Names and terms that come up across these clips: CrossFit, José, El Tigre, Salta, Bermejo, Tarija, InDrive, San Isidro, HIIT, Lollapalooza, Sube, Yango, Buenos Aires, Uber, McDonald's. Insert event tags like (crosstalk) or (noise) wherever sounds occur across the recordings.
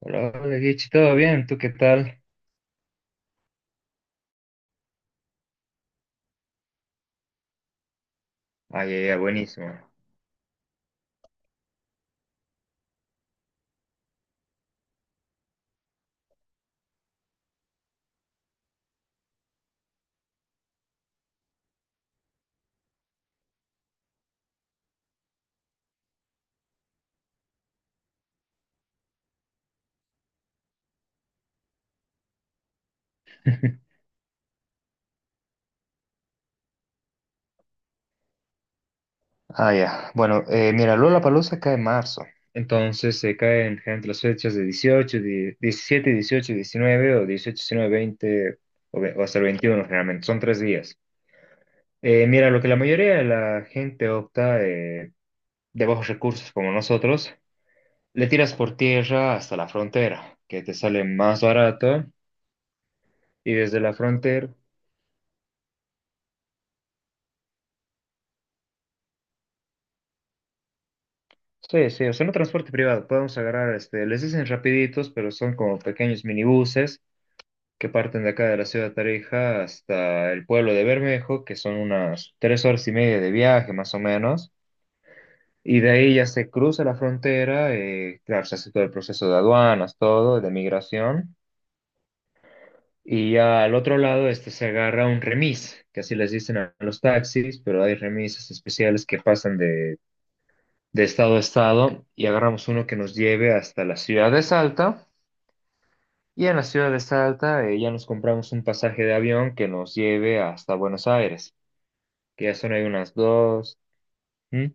Hola, hola, Guichi, ¿todo bien? ¿Tú qué tal? Ah, ya, ya, buenísimo. (laughs) Ah, ya. Bueno, mira, Lollapalooza cae en marzo. Entonces se caen entre las fechas de 18, 17, 18, 19 o 18, 19, 20 o, o hasta el 21 generalmente. Son tres días. Mira, lo que la mayoría de la gente opta de bajos recursos como nosotros, le tiras por tierra hasta la frontera, que te sale más barato y desde la frontera. Sí, sí, o sea, no transporte privado, podemos agarrar, este, les dicen rapiditos, pero son como pequeños minibuses que parten de acá de la ciudad de Tarija hasta el pueblo de Bermejo, que son unas 3 horas y media de viaje más o menos, y de ahí ya se cruza la frontera, claro, se hace todo el proceso de aduanas, todo, de migración, y ya al otro lado este, se agarra un remis, que así les dicen a los taxis, pero hay remises especiales que pasan de estado a estado y agarramos uno que nos lleve hasta la ciudad de Salta. Y en la ciudad de Salta ya nos compramos un pasaje de avión que nos lleve hasta Buenos Aires, que ya son ahí unas dos, ¿m?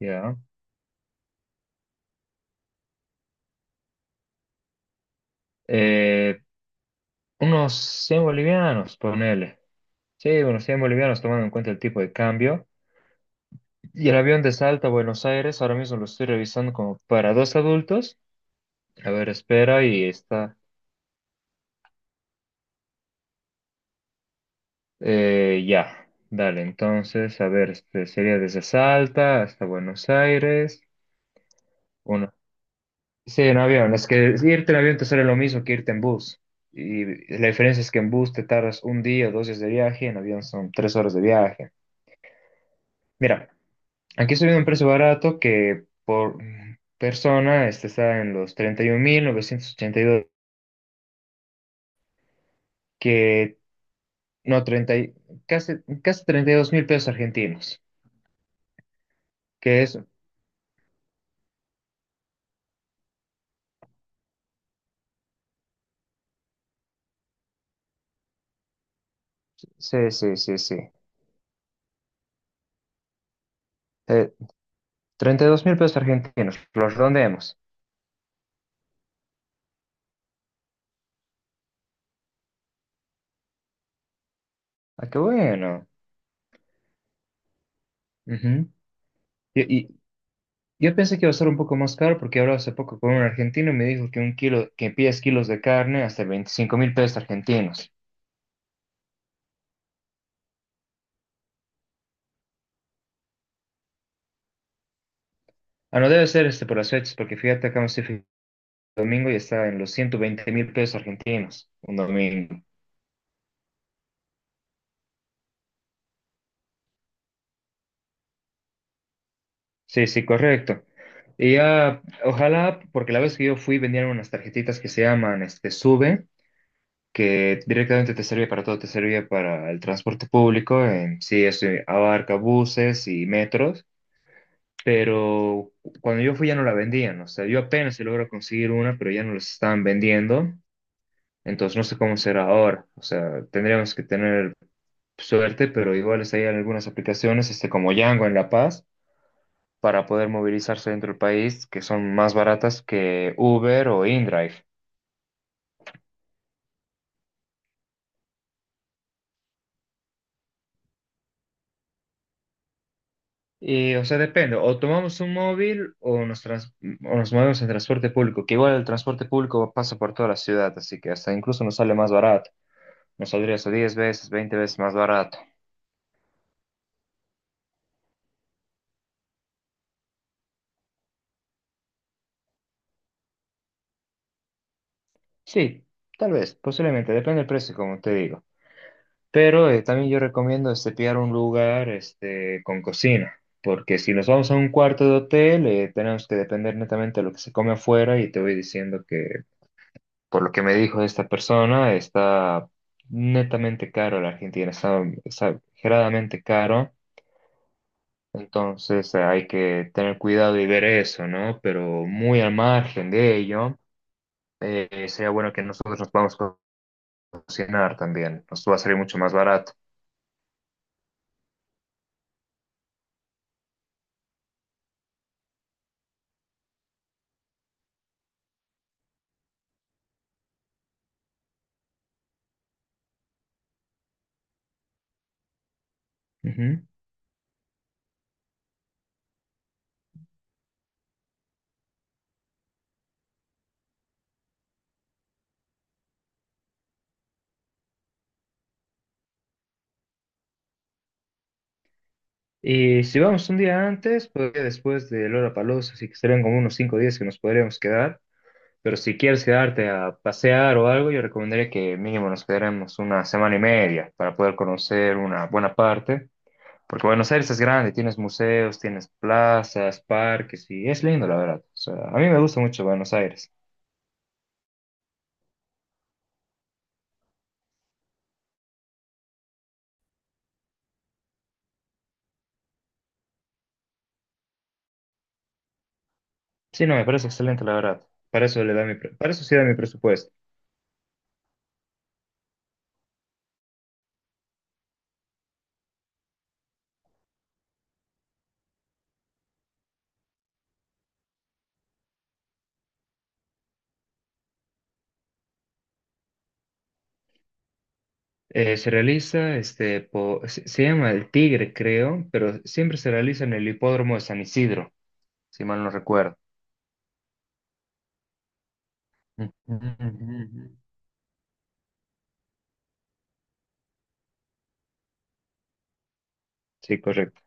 Ya, eh, unos 100 bolivianos, ponele. Sí, unos 100 bolivianos tomando en cuenta el tipo de cambio. Y el avión de Salta a Buenos Aires, ahora mismo lo estoy revisando como para dos adultos. A ver, espera, y está. Ya, dale, entonces, a ver, este, sería desde Salta hasta Buenos Aires, uno. Sí, en avión, es que irte en avión te sale lo mismo que irte en bus. Y la diferencia es que en bus te tardas un día o dos días de viaje, en avión son 3 horas de viaje. Mira, aquí estoy viendo un precio barato que por persona este está en los treinta y mil novecientos ochenta y dos que no, casi, casi 32.000 pesos argentinos, que es, sí, sí, sí, sí. eh, 32.000 pesos argentinos, los redondeamos. Ah, qué bueno. Ujú. Yo- Y, yo pensé que iba a ser un poco más caro porque hablaba hace poco con un argentino y me dijo que un kilo, que pides kilos de carne hasta 25.000 pesos argentinos. Ah, no debe ser este por las fechas, porque fíjate acá un domingo y está en los 120.000 pesos argentinos, un domingo. Sí, sí, correcto. Y ya, ojalá, porque la vez que yo fui vendían unas tarjetitas que se llaman este, Sube, que directamente te sirve para todo, te sirve para el transporte público, en sí, eso abarca buses y metros, pero cuando yo fui ya no la vendían, o sea, yo apenas se logro conseguir una, pero ya no las estaban vendiendo, entonces no sé cómo será ahora, o sea, tendríamos que tener suerte, pero igual hay algunas aplicaciones, este, como Yango en La Paz, para poder movilizarse dentro del país, que son más baratas que Uber o InDrive. Y, o sea, depende, o tomamos un móvil o nos movemos en transporte público, que igual el transporte público pasa por toda la ciudad, así que hasta incluso nos sale más barato, nos saldría eso 10 veces, 20 veces más barato. Sí, tal vez, posiblemente, depende del precio, como te digo. Pero también yo recomiendo este, pillar un lugar este, con cocina, porque si nos vamos a un cuarto de hotel, tenemos que depender netamente de lo que se come afuera y te voy diciendo que por lo que me dijo esta persona, está netamente caro la Argentina, está exageradamente caro. Entonces hay que tener cuidado y ver eso, ¿no? Pero muy al margen de ello, sería bueno que nosotros nos vamos a cocinar también. Nos va a salir mucho más barato. Ujú. Y si vamos un día antes, pues después de Lollapalooza, así que serían como unos 5 días que nos podríamos quedar. Pero si quieres quedarte a pasear o algo, yo recomendaría que mínimo nos quedaremos una semana y media para poder conocer una buena parte. Porque Buenos Aires es grande, tienes museos, tienes plazas, parques y es lindo, la verdad. O sea, a mí me gusta mucho Buenos Aires. Sí, no, me parece excelente, la verdad. Para eso sí da mi presupuesto. Se realiza, este, se llama El Tigre, creo, pero siempre se realiza en el hipódromo de San Isidro, si mal no recuerdo. Ujú, ujú, ujú. Sí, correcto.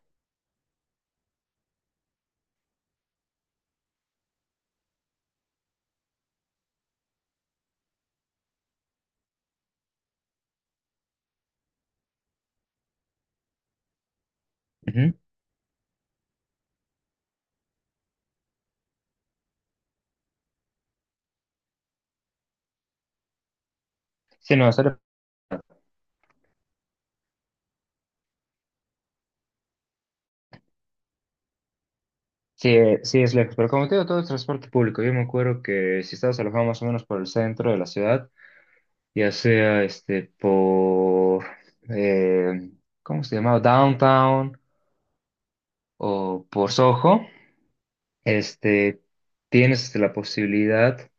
Ujú. Sí, no, sí, sí, es lejos, pero como te digo, todo es transporte público. Yo me acuerdo que si estabas alojado más o menos por el centro de la ciudad, ya sea este por, eh, ¿cómo se llamaba? Downtown o por Soho, este, tienes este, la posibilidad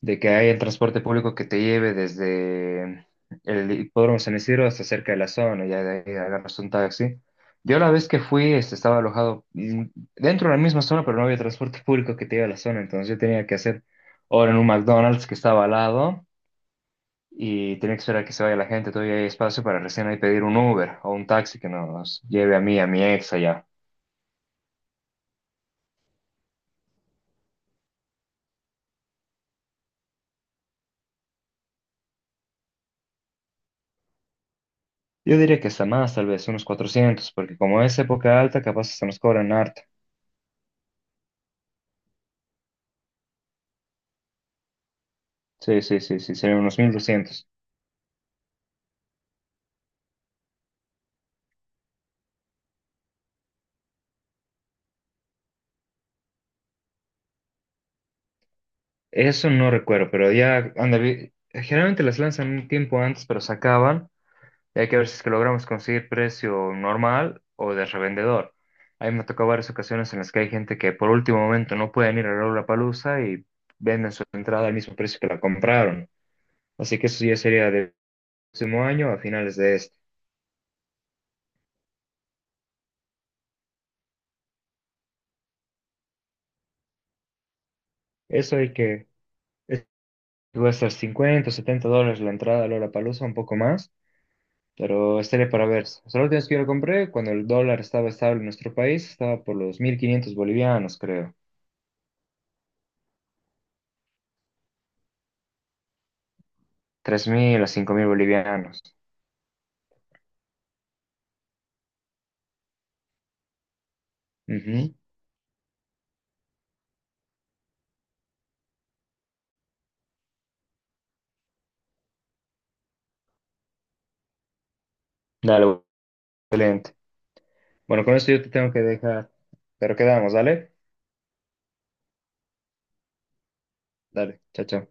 de que haya el transporte público que te lleve desde el hipódromo San Isidro hasta cerca de la zona, ya de ahí agarras un taxi. Yo la vez que fui, este, estaba alojado dentro de la misma zona, pero no había transporte público que te lleve a la zona, entonces yo tenía que hacer hora en un McDonald's que estaba al lado y tenía que esperar que se vaya la gente, todavía hay espacio para recién ahí pedir un Uber o un taxi que nos lleve a mí, a mi ex allá. Yo diría que hasta más, tal vez unos 400, porque como es época alta, capaz se nos cobran harto. Sí, sí, sí, sí, serían unos 1200. Eso no recuerdo, pero ya, ándale, generalmente las lanzan un tiempo antes, pero se acaban, y hay que ver si es que logramos conseguir precio normal o de revendedor. Ahí me ha tocado varias ocasiones en las que hay gente que por último momento no pueden ir a palusa y venden su entrada al mismo precio que la compraron. Así que eso ya sería del próximo año a finales de este. Eso hay que, es- va a estar 50 o $70 la entrada a palusa un poco más. Pero estaría para ver. O sea, la última vez que yo lo compré, cuando el dólar estaba estable en nuestro país, estaba por los 1.500 bolivianos, creo. 3.000 a 5.000 bolivianos. Ujú. Dale, excelente. Bueno, con esto yo te tengo que dejar. Pero quedamos, ¿dale? Dale, chao, chao.